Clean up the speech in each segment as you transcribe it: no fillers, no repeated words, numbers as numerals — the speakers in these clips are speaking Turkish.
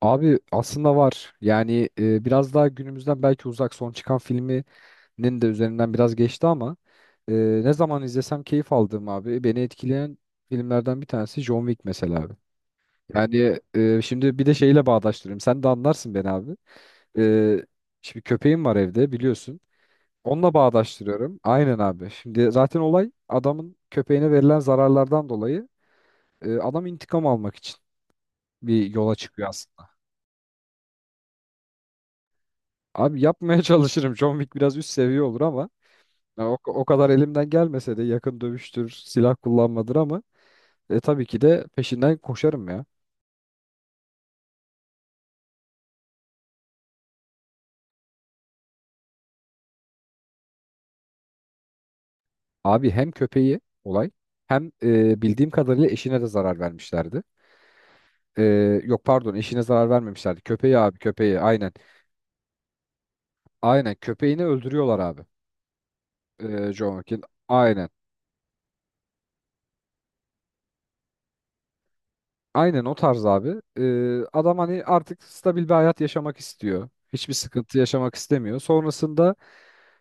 Abi aslında var. Biraz daha günümüzden belki uzak son çıkan filminin de üzerinden biraz geçti ama e, ne zaman izlesem keyif aldığım abi beni etkileyen filmlerden bir tanesi John Wick mesela abi. Şimdi bir de şeyle bağdaştırayım. Sen de anlarsın beni abi. E, şimdi köpeğim var evde biliyorsun. Onunla bağdaştırıyorum. Aynen abi. Şimdi zaten olay adamın köpeğine verilen zararlardan dolayı adam intikam almak için bir yola çıkıyor aslında. Abi yapmaya çalışırım. John Wick biraz üst seviye olur ama ya o kadar elimden gelmese de yakın dövüştür, silah kullanmadır ama tabii ki de peşinden koşarım ya. Abi hem köpeği olay hem bildiğim kadarıyla eşine de zarar vermişlerdi. E, yok pardon eşine zarar vermemişlerdi. Köpeği abi köpeği aynen. Aynen köpeğini öldürüyorlar abi. John Wick'in aynen. Aynen o tarz abi. Adam hani artık stabil bir hayat yaşamak istiyor. Hiçbir sıkıntı yaşamak istemiyor. Sonrasında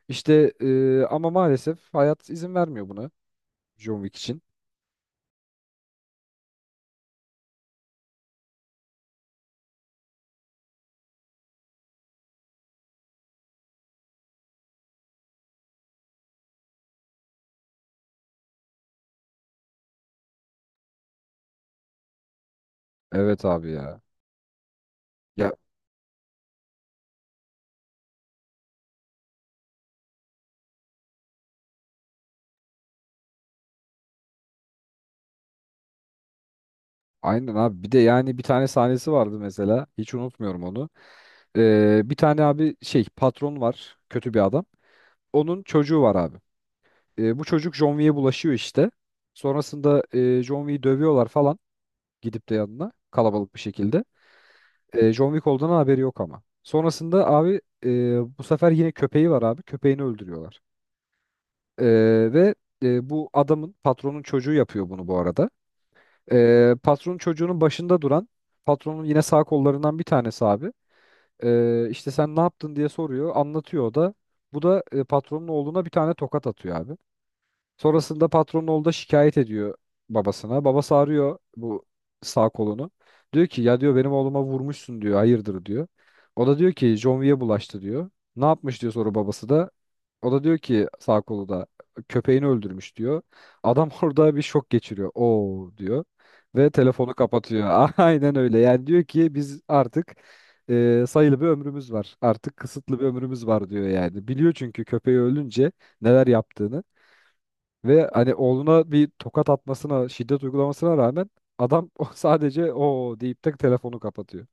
İşte ama maalesef hayat izin vermiyor buna John Wick için. Evet abi ya. Ya aynen abi bir de yani bir tane sahnesi vardı mesela hiç unutmuyorum onu. Bir tane abi şey patron var kötü bir adam. Onun çocuğu var abi. Bu çocuk John Wick'e bulaşıyor işte. Sonrasında John Wick'i dövüyorlar falan gidip de yanına kalabalık bir şekilde. John Wick olduğundan haberi yok ama. Sonrasında abi, bu sefer yine köpeği var abi köpeğini öldürüyorlar. Ee, ve bu adamın patronun çocuğu yapıyor bunu bu arada. Patronun çocuğunun başında duran patronun yine sağ kollarından bir tanesi abi. İşte sen ne yaptın diye soruyor, anlatıyor o da. Bu da patronun oğluna bir tane tokat atıyor abi. Sonrasında patronun oğlu da şikayet ediyor babasına. Babası arıyor bu sağ kolunu. Diyor ki ya diyor benim oğluma vurmuşsun diyor. Hayırdır diyor. O da diyor ki John Wick'e bulaştı diyor. Ne yapmış diyor sonra babası da. O da diyor ki sağ kolu da köpeğini öldürmüş diyor. Adam orada bir şok geçiriyor. Oo diyor. Ve telefonu kapatıyor. Aynen öyle. Yani diyor ki biz artık, sayılı bir ömrümüz var. Artık kısıtlı bir ömrümüz var diyor yani. Biliyor çünkü köpeği ölünce neler yaptığını. Ve hani oğluna bir tokat atmasına, şiddet uygulamasına rağmen adam o sadece o deyip de telefonu kapatıyor.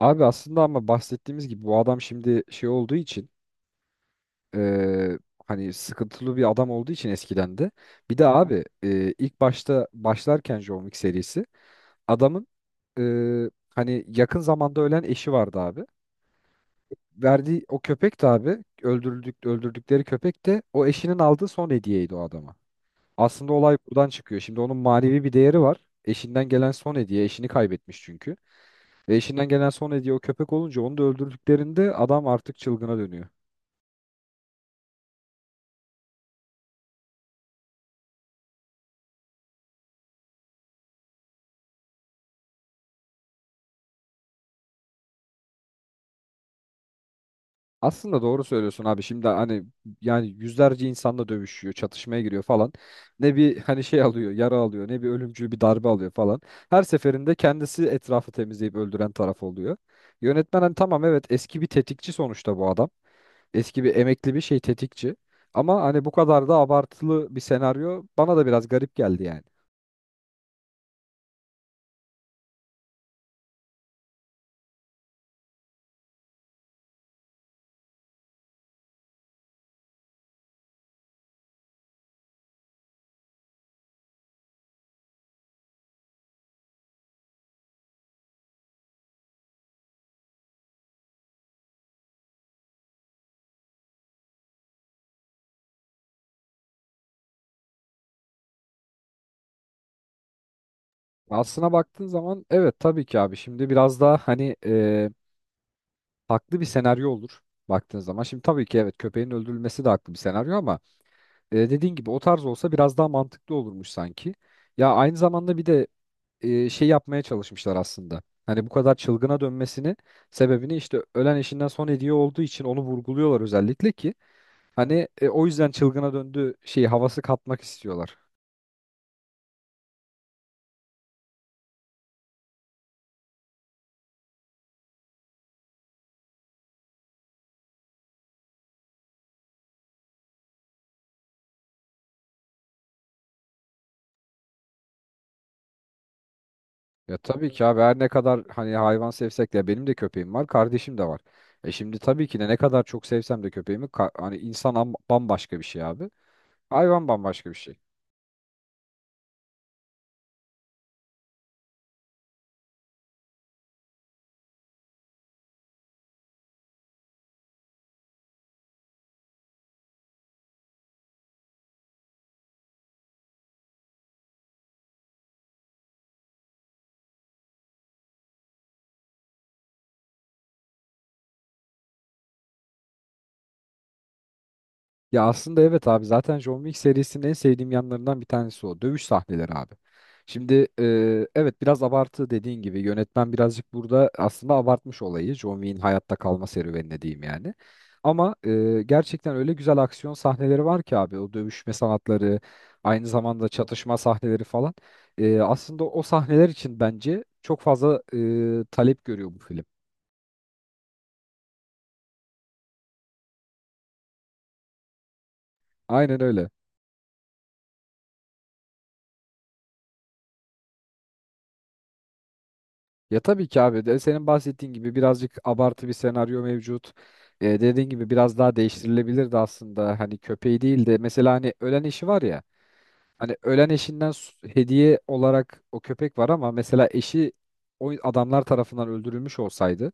Abi aslında ama bahsettiğimiz gibi bu adam şimdi şey olduğu için eee, hani sıkıntılı bir adam olduğu için eskiden de. Bir de abi ilk başta başlarken John Wick serisi adamın hani yakın zamanda ölen eşi vardı abi. Verdiği o köpek de abi öldürdükleri köpek de o eşinin aldığı son hediyeydi o adama. Aslında olay buradan çıkıyor. Şimdi onun manevi bir değeri var. Eşinden gelen son hediye. Eşini kaybetmiş çünkü. Ve eşinden gelen son hediye o köpek olunca onu da öldürdüklerinde adam artık çılgına dönüyor. Aslında doğru söylüyorsun abi. Şimdi hani yani yüzlerce insanla dövüşüyor, çatışmaya giriyor falan. Ne bir hani şey alıyor, yara alıyor, ne bir ölümcül bir darbe alıyor falan. Her seferinde kendisi etrafı temizleyip öldüren taraf oluyor. Yönetmen hani tamam evet eski bir tetikçi sonuçta bu adam. Eski bir emekli bir şey tetikçi. Ama hani bu kadar da abartılı bir senaryo bana da biraz garip geldi yani. Aslına baktığın zaman evet tabii ki abi şimdi biraz daha hani, haklı bir senaryo olur baktığın zaman. Şimdi tabii ki evet köpeğin öldürülmesi de haklı bir senaryo ama dediğin gibi o tarz olsa biraz daha mantıklı olurmuş sanki. Ya aynı zamanda bir de şey yapmaya çalışmışlar aslında. Hani bu kadar çılgına dönmesini sebebini işte ölen eşinden son hediye olduğu için onu vurguluyorlar özellikle ki. Hani o yüzden çılgına döndü şey havası katmak istiyorlar. Ya tabii ki abi her ne kadar hani hayvan sevsek de benim de köpeğim var, kardeşim de var. E şimdi tabii ki de ne kadar çok sevsem de hani bambaşka bir şey abi. Hayvan bambaşka bir şey. Ya aslında evet abi zaten John Wick serisinin en sevdiğim yanlarından bir tanesi o. Dövüş sahneleri abi. Şimdi evet biraz abartı dediğin gibi yönetmen birazcık burada aslında abartmış olayı. John Wick'in hayatta kalma serüvenine diyeyim yani. Ama gerçekten öyle güzel aksiyon sahneleri var ki abi o dövüşme sanatları aynı zamanda çatışma sahneleri falan. Aslında o sahneler için bence çok fazla talep görüyor bu film. Aynen öyle. Ya tabii ki abi de senin bahsettiğin gibi birazcık abartı bir senaryo mevcut. Dediğin gibi biraz daha değiştirilebilirdi aslında. Hani köpeği değil de mesela hani ölen eşi var ya. Hani ölen eşinden hediye olarak o köpek var ama mesela eşi o adamlar tarafından öldürülmüş olsaydı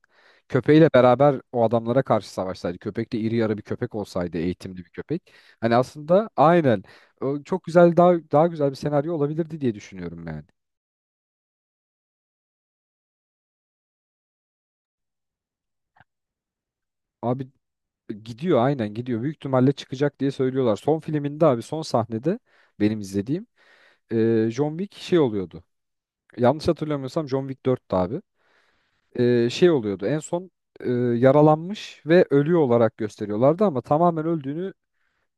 köpeğiyle beraber o adamlara karşı savaşsaydı. Köpek de iri yarı bir köpek olsaydı, eğitimli bir köpek. Hani aslında aynen o çok güzel daha güzel bir senaryo olabilirdi diye düşünüyorum yani. Abi gidiyor aynen gidiyor. Büyük ihtimalle çıkacak diye söylüyorlar. Son filminde abi son sahnede benim izlediğim John Wick şey oluyordu. Yanlış hatırlamıyorsam John Wick 4'tü abi. Şey oluyordu en son, yaralanmış ve ölüyor olarak gösteriyorlardı ama tamamen öldüğünü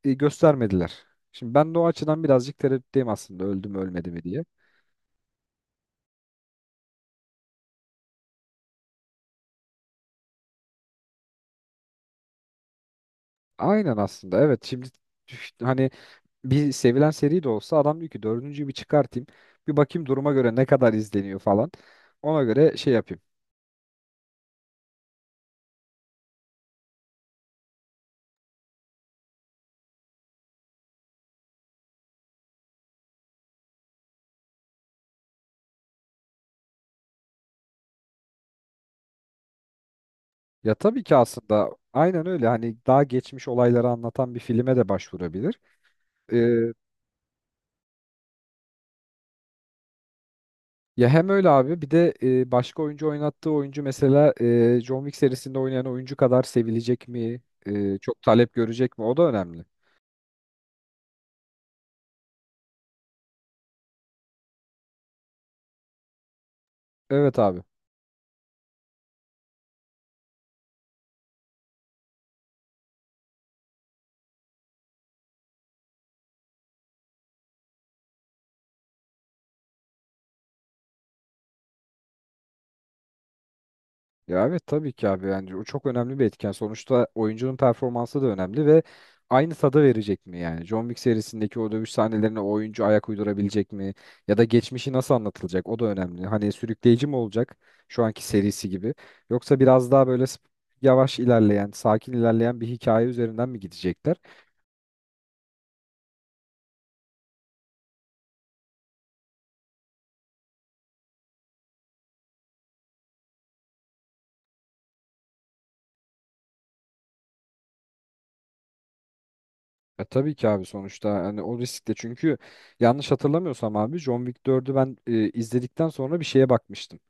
göstermediler. Şimdi ben de o açıdan birazcık tereddütteyim aslında öldü mü ölmedi mi diye. Aynen aslında evet şimdi üf, hani bir sevilen seri de olsa adam diyor ki dördüncüyü bir çıkartayım bir bakayım duruma göre ne kadar izleniyor falan. Ona göre şey yapayım. Ya tabii ki aslında aynen öyle hani daha geçmiş olayları anlatan bir filme de başvurabilir. Ee, ya hem öyle abi bir de başka oyuncu oynattığı oyuncu mesela John Wick serisinde oynayan oyuncu kadar sevilecek mi? Çok talep görecek mi? O da önemli. Evet abi. Ya evet tabii ki abi yani o çok önemli bir etken. Sonuçta oyuncunun performansı da önemli ve aynı tadı verecek mi yani? John Wick serisindeki o dövüş sahnelerine o oyuncu ayak uydurabilecek mi? Ya da geçmişi nasıl anlatılacak? O da önemli. Hani sürükleyici mi olacak şu anki serisi gibi? Yoksa biraz daha böyle yavaş ilerleyen, sakin ilerleyen bir hikaye üzerinden mi gidecekler? E tabii ki abi sonuçta hani o riskte çünkü yanlış hatırlamıyorsam abi John Wick 4'ü ben izledikten sonra bir şeye bakmıştım.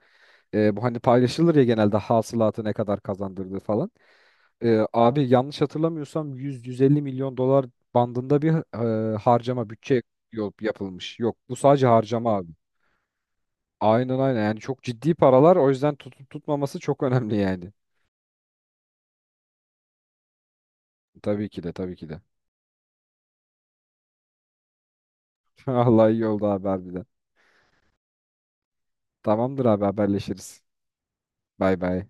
Bu hani paylaşılır ya genelde hasılatı ne kadar kazandırdı falan. Abi yanlış hatırlamıyorsam 100-150 milyon dolar bandında bir harcama bütçe yapılmış. Yok bu sadece harcama abi. Aynen aynen yani çok ciddi paralar o yüzden tutup tutmaması çok önemli yani. Tabii ki de tabii ki de. Allah iyi oldu abi harbiden. Tamamdır abi haberleşiriz. Bay bay.